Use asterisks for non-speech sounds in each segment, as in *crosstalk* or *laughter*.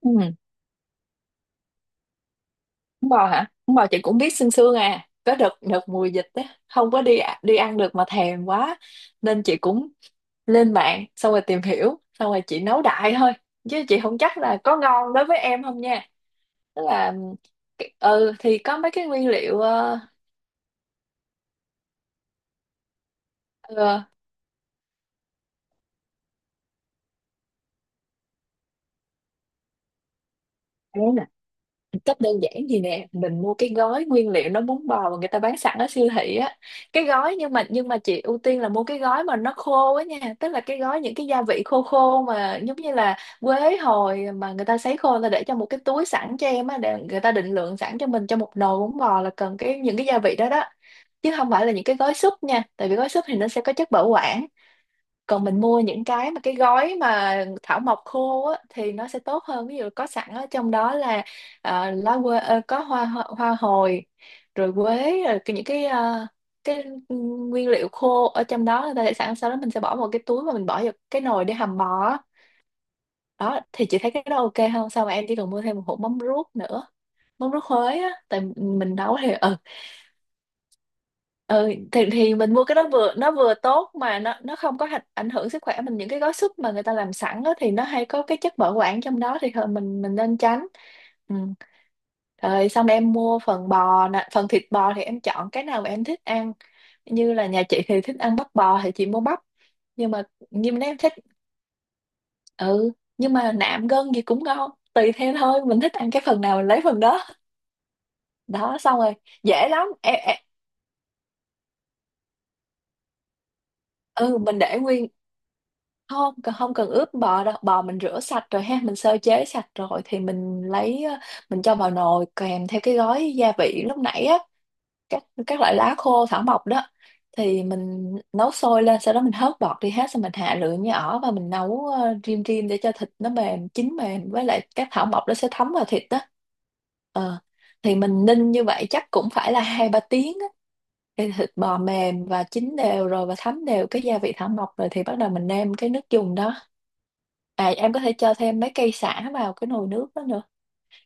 Ừ, bún bò hả? Bún bò chị cũng biết sương sương à. Có đợt đợt mùa dịch á, không có đi ăn được mà thèm quá nên chị cũng lên mạng xong rồi tìm hiểu, xong rồi chị nấu đại thôi. Chứ chị không chắc là có ngon đối với em không nha. Tức là ừ thì có mấy cái nguyên liệu ờ, cách đơn giản gì nè, mình mua cái gói nguyên liệu nó bún bò mà người ta bán sẵn ở siêu thị á. Cái gói nhưng mà chị ưu tiên là mua cái gói mà nó khô á nha, tức là cái gói những cái gia vị khô khô mà giống như là quế hồi mà người ta sấy khô, người ta để trong một cái túi sẵn cho em á, để người ta định lượng sẵn cho mình cho một nồi bún bò là cần cái những cái gia vị đó đó. Chứ không phải là những cái gói súp nha, tại vì gói súp thì nó sẽ có chất bảo quản, còn mình mua những cái mà cái gói mà thảo mộc khô á, thì nó sẽ tốt hơn. Ví dụ có sẵn ở trong đó là lá quế, có hoa, hoa hồi, rồi quế rồi những cái cái nguyên liệu khô ở trong đó người ta để sẵn, sau đó mình sẽ bỏ vào cái túi và mình bỏ vào cái nồi để hầm bò á. Đó thì chị thấy cái đó ok không sao, mà em chỉ cần mua thêm một hộp mắm ruốc nữa, mắm ruốc Huế á, tại mình nấu thì ừ thì mình mua cái đó vừa nó vừa tốt mà nó không có ảnh hưởng sức khỏe mình. Những cái gói súp mà người ta làm sẵn đó, thì nó hay có cái chất bảo quản trong đó, thì thôi mình nên tránh. Ừ. Rồi xong em mua phần bò nè, phần thịt bò thì em chọn cái nào mà em thích ăn. Như là nhà chị thì thích ăn bắp bò thì chị mua bắp. Nhưng mà nhưng mà nếu em thích ừ, nhưng mà nạm gân gì cũng ngon, tùy theo thôi, mình thích ăn cái phần nào mình lấy phần đó. Đó xong rồi, dễ lắm. Em ừ mình để nguyên, không cần ướp bò đâu. Bò mình rửa sạch rồi ha, mình sơ chế sạch rồi thì mình lấy mình cho vào nồi kèm theo cái gói gia vị lúc nãy á, các loại lá khô thảo mộc đó, thì mình nấu sôi lên, sau đó mình hớt bọt đi hết, xong mình hạ lửa nhỏ và mình nấu rim rim để cho thịt nó mềm, chín mềm, với lại các thảo mộc nó sẽ thấm vào thịt đó. ờ thì mình ninh như vậy chắc cũng phải là 2-3 tiếng á, thì thịt bò mềm và chín đều rồi và thấm đều cái gia vị thảo mộc rồi, thì bắt đầu mình nêm cái nước dùng đó. À, em có thể cho thêm mấy cây sả vào cái nồi nước đó nữa.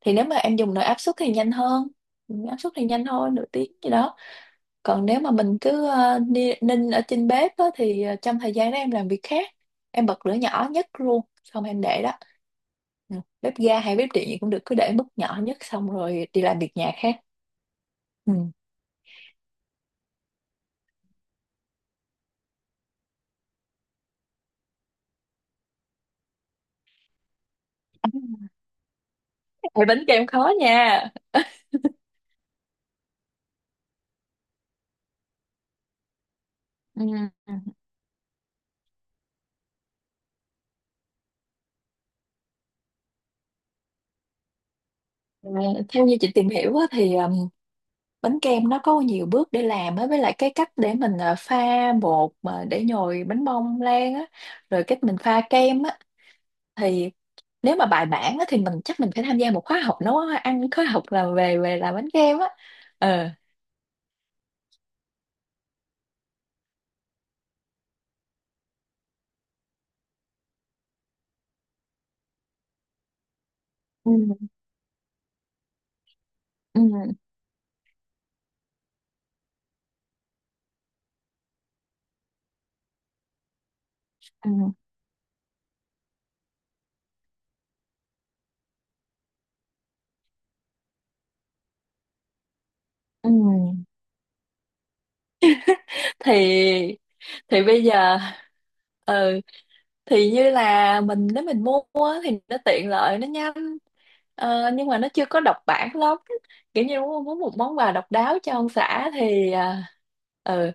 Thì nếu mà em dùng nồi áp suất thì nhanh hơn. Ừ, áp suất thì nhanh thôi, nửa tiếng gì đó. Còn nếu mà mình cứ ninh ở trên bếp á, thì trong thời gian đó em làm việc khác, em bật lửa nhỏ nhất luôn xong em để đó. Ừ, bếp ga hay bếp điện gì cũng được, cứ để mức nhỏ nhất xong rồi đi làm việc nhà khác. Ừ. *laughs* Ê, bánh kem khó nha. Ừ. Ờ, theo như chị tìm hiểu á, thì bánh kem nó có nhiều bước để làm á, với lại cái cách để mình pha bột mà để nhồi bánh bông lan á, rồi cách mình pha kem á. Thì nếu mà bài bản á, thì mình chắc mình phải tham gia một khóa học nấu ăn, khóa học làm về về làm bánh kem á. Ờ. Ừ. Ừ, ừ, ừ. thì thì bây giờ ừ thì như là mình, nếu mình mua á, thì nó tiện lợi, nó nhanh. Ờ, nhưng mà nó chưa có độc bản lắm, kiểu như muốn muốn một món quà độc đáo cho ông xã thì à, ừ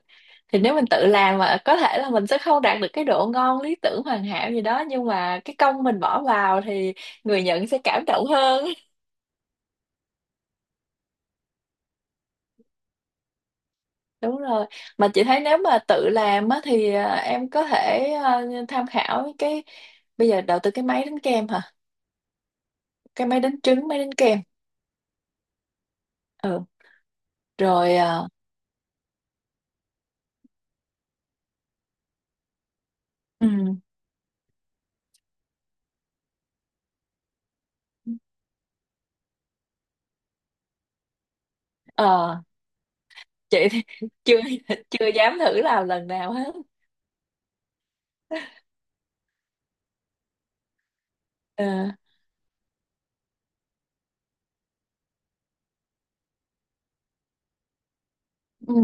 thì nếu mình tự làm mà có thể là mình sẽ không đạt được cái độ ngon lý tưởng hoàn hảo gì đó, nhưng mà cái công mình bỏ vào thì người nhận sẽ cảm động hơn. *laughs* Đúng rồi, mà chị thấy nếu mà tự làm á thì à, em có thể à, tham khảo cái, bây giờ đầu tư cái máy đánh kem hả, cái máy đánh trứng, máy đánh kem. Ừ, rồi à, ừ. ờ chị thì *laughs* chưa chưa dám thử làm lần nào hết. Ờ. Ừ.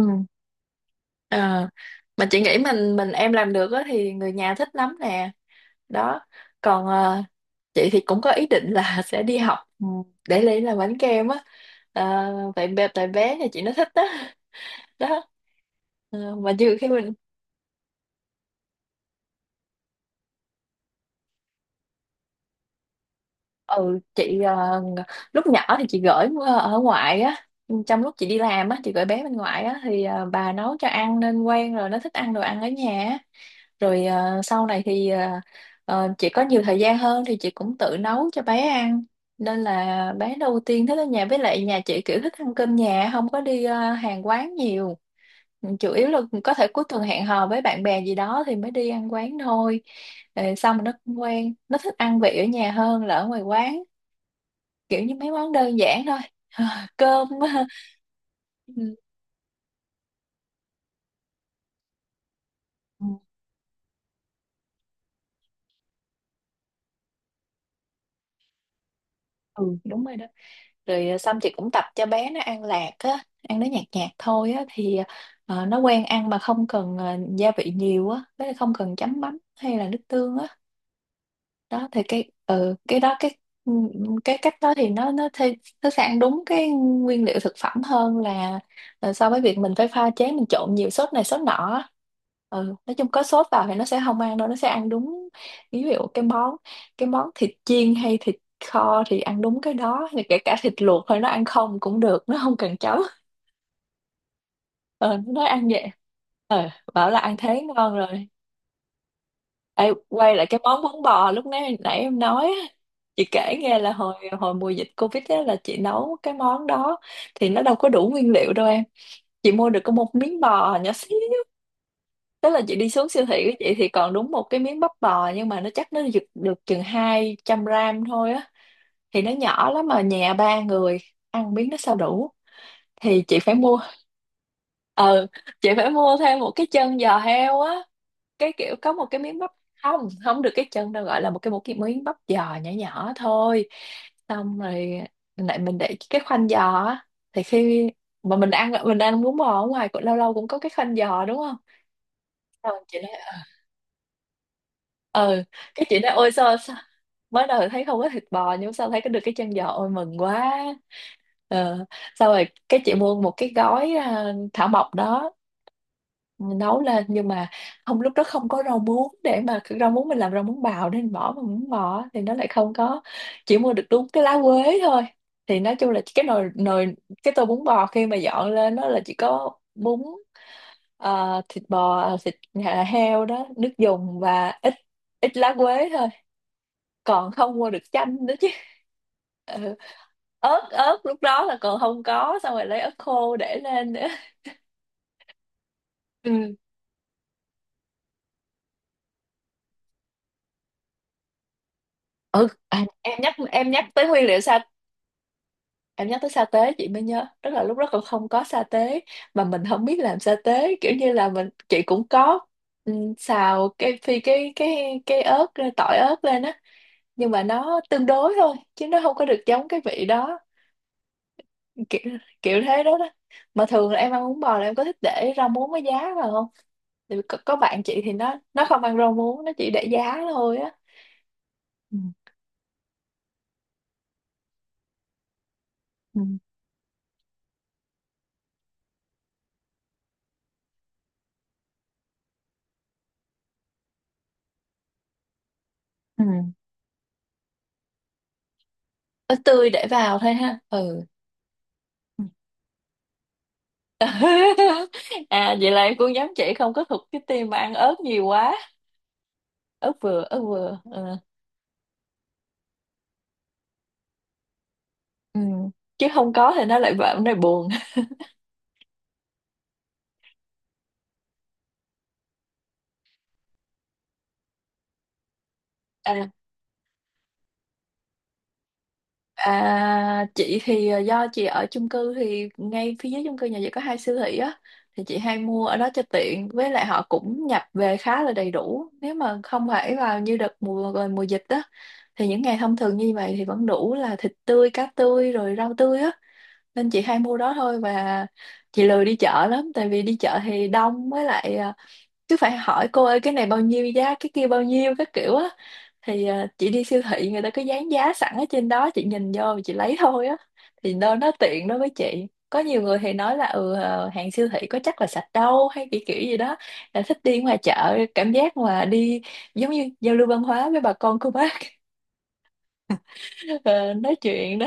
ờ mà chị nghĩ mình em làm được á thì người nhà thích lắm nè. Đó còn chị thì cũng có ý định là *laughs* sẽ đi học ừ, để lấy làm bánh kem á, à, tại bé nhà chị nó thích đó. *laughs* Đó. Ờ, mà nhiều khi mình ừ chị, lúc nhỏ thì chị gửi ở ngoại á, trong lúc chị đi làm á, chị gửi bé bên ngoại á, thì bà nấu cho ăn nên quen rồi, nó thích ăn đồ ăn ở nhà á. Rồi sau này thì chị có nhiều thời gian hơn thì chị cũng tự nấu cho bé ăn, nên là bé đầu tiên thích ở nhà. Với lại nhà chị kiểu thích ăn cơm nhà, không có đi hàng quán nhiều. Ừ, chủ yếu là có thể cuối tuần hẹn hò với bạn bè gì đó thì mới đi ăn quán thôi. Ờ, xong rồi nó cũng quen, nó thích ăn vị ở nhà hơn là ở ngoài quán, kiểu như mấy món đơn giản thôi. *laughs* Cơm. *laughs* Ừ, ừ, đúng rồi đó. Rồi xong chị cũng tập cho bé nó ăn lạc á, ăn nó nhạt nhạt thôi á, thì nó quen ăn mà không cần gia vị nhiều á, với lại không cần chấm mắm hay là nước tương á. Đó thì cái cái đó, cái ừ, cái cách đó thì nó nó sẽ ăn đúng cái nguyên liệu thực phẩm hơn là so với việc mình phải pha chế, mình trộn nhiều sốt này sốt nọ á. Ừ, nói chung có sốt vào thì nó sẽ không ăn đâu, nó sẽ ăn đúng ví dụ cái món thịt chiên hay thịt kho thì ăn đúng cái đó, thì kể cả thịt luộc thôi nó ăn không cũng được, nó không cần chấm. *laughs* Ừ, nó nói ăn vậy. Ừ, bảo là ăn thế ngon rồi. Ê, quay lại cái món bún bò lúc nãy nãy em nói á. Chị kể nghe là hồi hồi mùa dịch COVID á, là chị nấu cái món đó, thì nó đâu có đủ nguyên liệu đâu em. Chị mua được có một miếng bò nhỏ xíu, tức là chị đi xuống siêu thị của chị thì còn đúng một cái miếng bắp bò, nhưng mà nó chắc nó được chừng 200 gram thôi á, thì nó nhỏ lắm, mà nhà ba người ăn miếng nó sao đủ. Thì chị phải mua ờ chị phải mua thêm một cái chân giò heo á, cái kiểu có một cái miếng bắp, không không được cái chân đâu, gọi là một cái miếng bắp giò nhỏ nhỏ thôi. Xong rồi lại mình để cái khoanh giò á, thì khi mà mình ăn bún bò ở ngoài cũng lâu lâu cũng có cái khoanh giò đúng không. Xong rồi chị nói ừ, cái chị nói ôi sao mới đầu thấy không có thịt bò, nhưng sao thấy có được cái chân giò, ôi mừng quá. ờ Xong rồi cái chị mua một cái gói à, thảo mộc đó nấu lên, nhưng mà không, lúc đó không có rau muống, để mà rau muống mình làm rau muống bào nên bỏ, mà muống bò thì nó lại không có, chỉ mua được đúng cái lá quế thôi. Thì nói chung là cái nồi nồi, cái tô bún bò khi mà dọn lên nó là chỉ có bún, thịt bò, thịt heo đó, nước dùng và ít ít lá quế thôi, còn không mua được chanh nữa chứ. *laughs* Ừ. ớt Ớt lúc đó là còn không có, xong rồi lấy ớt khô để lên nữa. Ừ. Ừ. À, em nhắc tới nguyên liệu em nhắc tới sa tế chị mới nhớ, tức là lúc đó còn không có sa tế mà mình không biết làm sa tế, kiểu như là chị cũng có, ừ, xào cái phi cái ớt ra, tỏi ớt lên á, nhưng mà nó tương đối thôi chứ nó không có được giống cái vị đó, kiểu kiểu thế đó đó. Mà thường là em ăn bún bò là em có thích để rau muống với giá vào không, thì có bạn chị thì nó không ăn rau muống, nó chỉ để giá thôi á. Ừ. Ừ. Ừ. Ớt tươi để vào thôi ha, ừ. *laughs* à vậy là cô nhóm chị không có thuộc cái team mà ăn ớt nhiều quá. Ớt vừa ớt vừa ờ. Ừ. Chứ không có thì nó lại vợ này buồn. À, à chị thì do chị ở chung cư thì ngay phía dưới chung cư nhà chị có hai siêu thị á, thì chị hay mua ở đó cho tiện, với lại họ cũng nhập về khá là đầy đủ. Nếu mà không phải vào như đợt mùa rồi, mùa dịch á, thì những ngày thông thường như vậy thì vẫn đủ là thịt tươi, cá tươi rồi rau tươi á, nên chị hay mua đó thôi. Và chị lười đi chợ lắm, tại vì đi chợ thì đông, với lại cứ phải hỏi cô ơi cái này bao nhiêu giá, cái kia bao nhiêu, các kiểu á. Thì chị đi siêu thị người ta cứ dán giá sẵn ở trên đó, chị nhìn vô chị lấy thôi á, thì nó tiện đối với chị. Có nhiều người thì nói là hàng siêu thị có chắc là sạch đâu hay kiểu kiểu gì đó, là thích đi ngoài chợ, cảm giác mà đi giống như giao lưu văn hóa với bà con cô bác. *laughs* ờ, nói chuyện đó.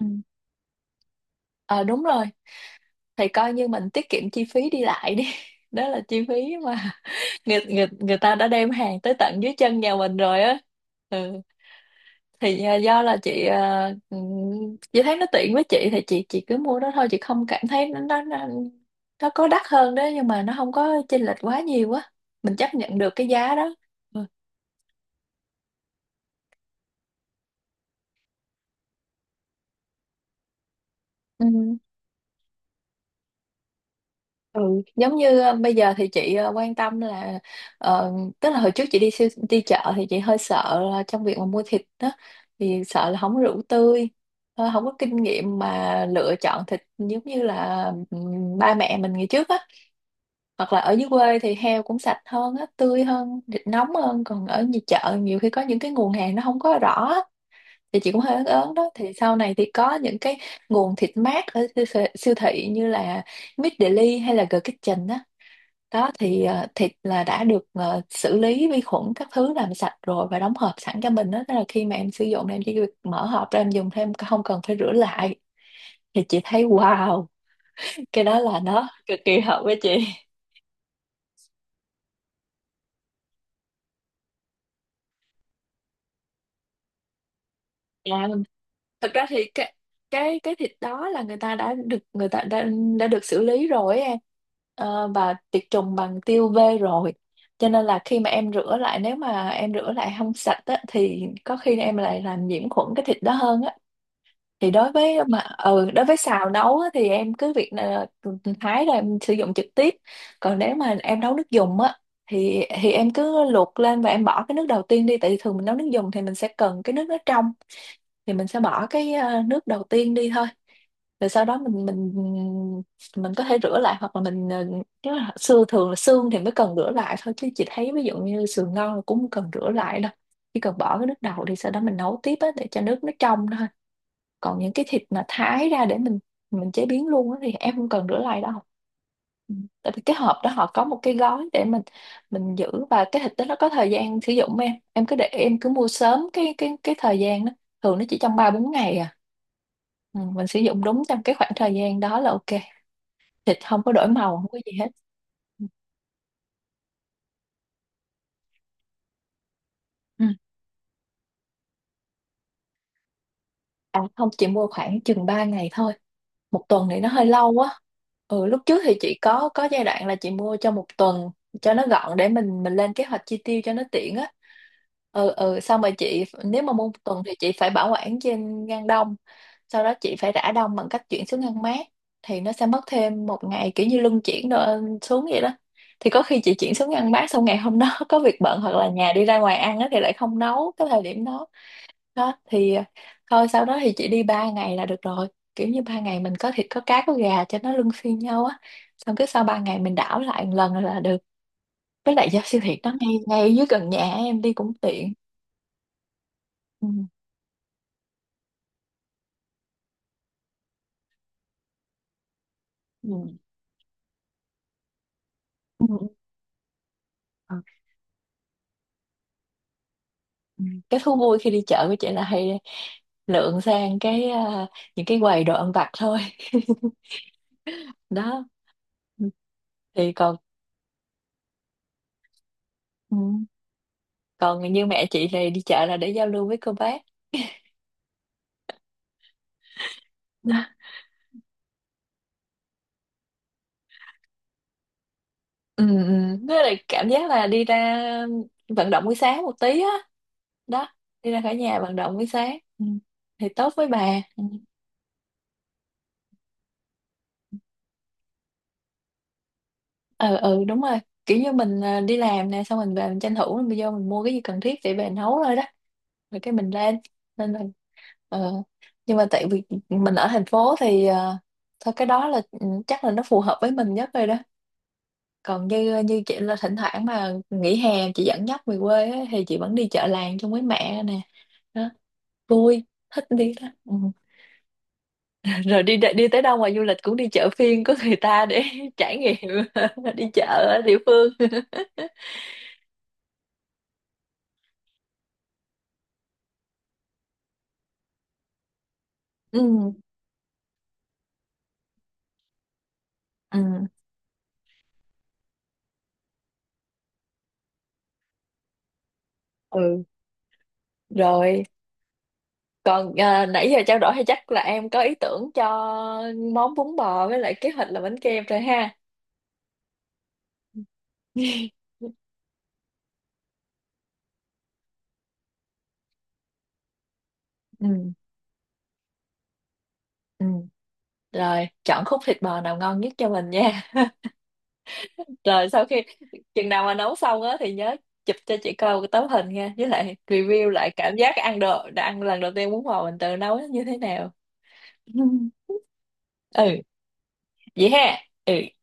Ừ. Ờ, đúng rồi, thì coi như mình tiết kiệm chi phí đi lại đi, *laughs* đó là chi phí mà *laughs* người người người ta đã đem hàng tới tận dưới chân nhà mình rồi á. Ừ. Thì do là chị chị thấy nó tiện với chị, thì chị cứ mua đó thôi, chị không cảm thấy nó nó có đắt hơn đó nhưng mà nó không có chênh lệch quá nhiều á, mình chấp nhận được cái giá đó. Ừ. Ừ. Ừ, giống như bây giờ thì chị quan tâm là, ờ, tức là hồi trước chị đi chợ thì chị hơi sợ là trong việc mà mua thịt đó, thì sợ là không có rượu tươi, không có kinh nghiệm mà lựa chọn thịt, giống như là ba mẹ mình ngày trước á, hoặc là ở dưới quê thì heo cũng sạch hơn á, tươi hơn, thịt nóng hơn. Còn ở nhà chợ nhiều khi có những cái nguồn hàng nó không có rõ á, thì chị cũng hơi ớn ớn đó. Thì sau này thì có những cái nguồn thịt mát ở siêu thị, như là Meat Deli hay là The Kitchen á. Đó thì thịt là đã được xử lý vi khuẩn các thứ, làm sạch rồi và đóng hộp sẵn cho mình đó. Tức là khi mà em sử dụng, em chỉ việc mở hộp ra em dùng thêm, không cần phải rửa lại, thì chị thấy wow, cái đó là nó cực kỳ hợp với chị. Làm thật ra thì cái thịt đó là người ta đã được, đã được xử lý rồi ấy em. Ờ, và tiệt trùng bằng tiêu vê rồi, cho nên là khi mà em rửa lại, nếu mà em rửa lại không sạch á, thì có khi em lại làm nhiễm khuẩn cái thịt đó hơn á. Thì đối với mà đối với xào nấu á, thì em cứ việc là thái là em sử dụng trực tiếp. Còn nếu mà em nấu nước dùng á, thì em cứ luộc lên và em bỏ cái nước đầu tiên đi, tại vì thường mình nấu nước dùng thì mình sẽ cần cái nước nó trong, thì mình sẽ bỏ cái nước đầu tiên đi thôi. Rồi sau đó mình mình có thể rửa lại, hoặc là mình, nếu là xương, thường là xương thì mới cần rửa lại thôi, chứ chị thấy ví dụ như sườn ngon là cũng không cần rửa lại đâu, chỉ cần bỏ cái nước đầu đi sau đó mình nấu tiếp á để cho nước nó trong thôi. Còn những cái thịt mà thái ra để mình chế biến luôn á thì em không cần rửa lại đâu. Ừ. Tại vì cái hộp đó họ có một cái gói để mình giữ, và cái thịt đó nó có thời gian sử dụng, em cứ để em cứ mua sớm cái cái thời gian đó, thường nó chỉ trong ba bốn ngày à. Ừ, mình sử dụng đúng trong cái khoảng thời gian đó là ok, thịt không có đổi màu, không có gì hết. Ừ. Ừ. À không, chỉ mua khoảng chừng 3 ngày thôi, một tuần thì nó hơi lâu quá. Ừ, lúc trước thì chị có giai đoạn là chị mua cho một tuần cho nó gọn, để mình lên kế hoạch chi tiêu cho nó tiện á. Xong rồi chị, nếu mà mua một tuần thì chị phải bảo quản trên ngăn đông, sau đó chị phải rã đông bằng cách chuyển xuống ngăn mát, thì nó sẽ mất thêm một ngày, kiểu như luân chuyển đồ xuống vậy đó. Thì có khi chị chuyển xuống ngăn mát xong ngày hôm đó *laughs* có việc bận, hoặc là nhà đi ra ngoài ăn á, thì lại không nấu cái thời điểm đó. Đó thì thôi sau đó thì chị đi ba ngày là được rồi, kiểu như ba ngày mình có thịt, có cá, có gà cho nó luân phiên nhau á, xong cái sau ba ngày mình đảo lại một lần là được. Với lại do siêu thị nó ngay ngay dưới gần nhà, em đi cũng tiện. Ừ. Ừ. Ừ. Ừ. Ừ. Cái thú vui khi đi chợ của chị là hay lượn sang cái, những cái quầy đồ ăn vặt thôi. *laughs* đó. Ừ. Thì còn, ừ, còn như mẹ chị này đi chợ là để giao lưu với cô bác. Ừ. Với lại cảm giác là đi ra vận động buổi sáng một tí á, đó, đi ra khỏi nhà vận động buổi sáng, ừ. Thì tốt với bà, ừ. Ừ, đúng rồi, kiểu như mình đi làm nè, xong mình về mình tranh thủ mình vô mình mua cái gì cần thiết để về nấu thôi đó, rồi cái mình lên. Nên là, ờ, nhưng mà tại vì mình ở thành phố thì thôi cái đó là ừ, chắc là nó phù hợp với mình nhất rồi đó. Còn như như chị là thỉnh thoảng mà nghỉ hè chị dẫn dắt về quê á, thì chị vẫn đi chợ làng chung với mẹ nè. Đó, vui, thích đi lắm, ừ. *laughs* rồi đi đi tới đâu ngoài du lịch cũng đi chợ phiên của người ta để *laughs* trải nghiệm, *laughs* đi chợ ở địa phương. *laughs* ừ ừ ừ rồi. Còn nãy giờ trao đổi thì chắc là em có ý tưởng cho món bún bò, với lại kế hoạch là bánh kem rồi ha. *laughs* ừ ừ rồi, chọn khúc thịt bò nào ngon nhất cho mình nha. Rồi sau khi chừng nào mà nấu xong á thì nhớ chụp cho chị coi cái tấm hình nha, với lại review lại cảm giác ăn đồ, đã ăn lần đầu tiên bún bò mình tự nấu nó như thế nào. *laughs* Ừ, vậy ha. Ừ.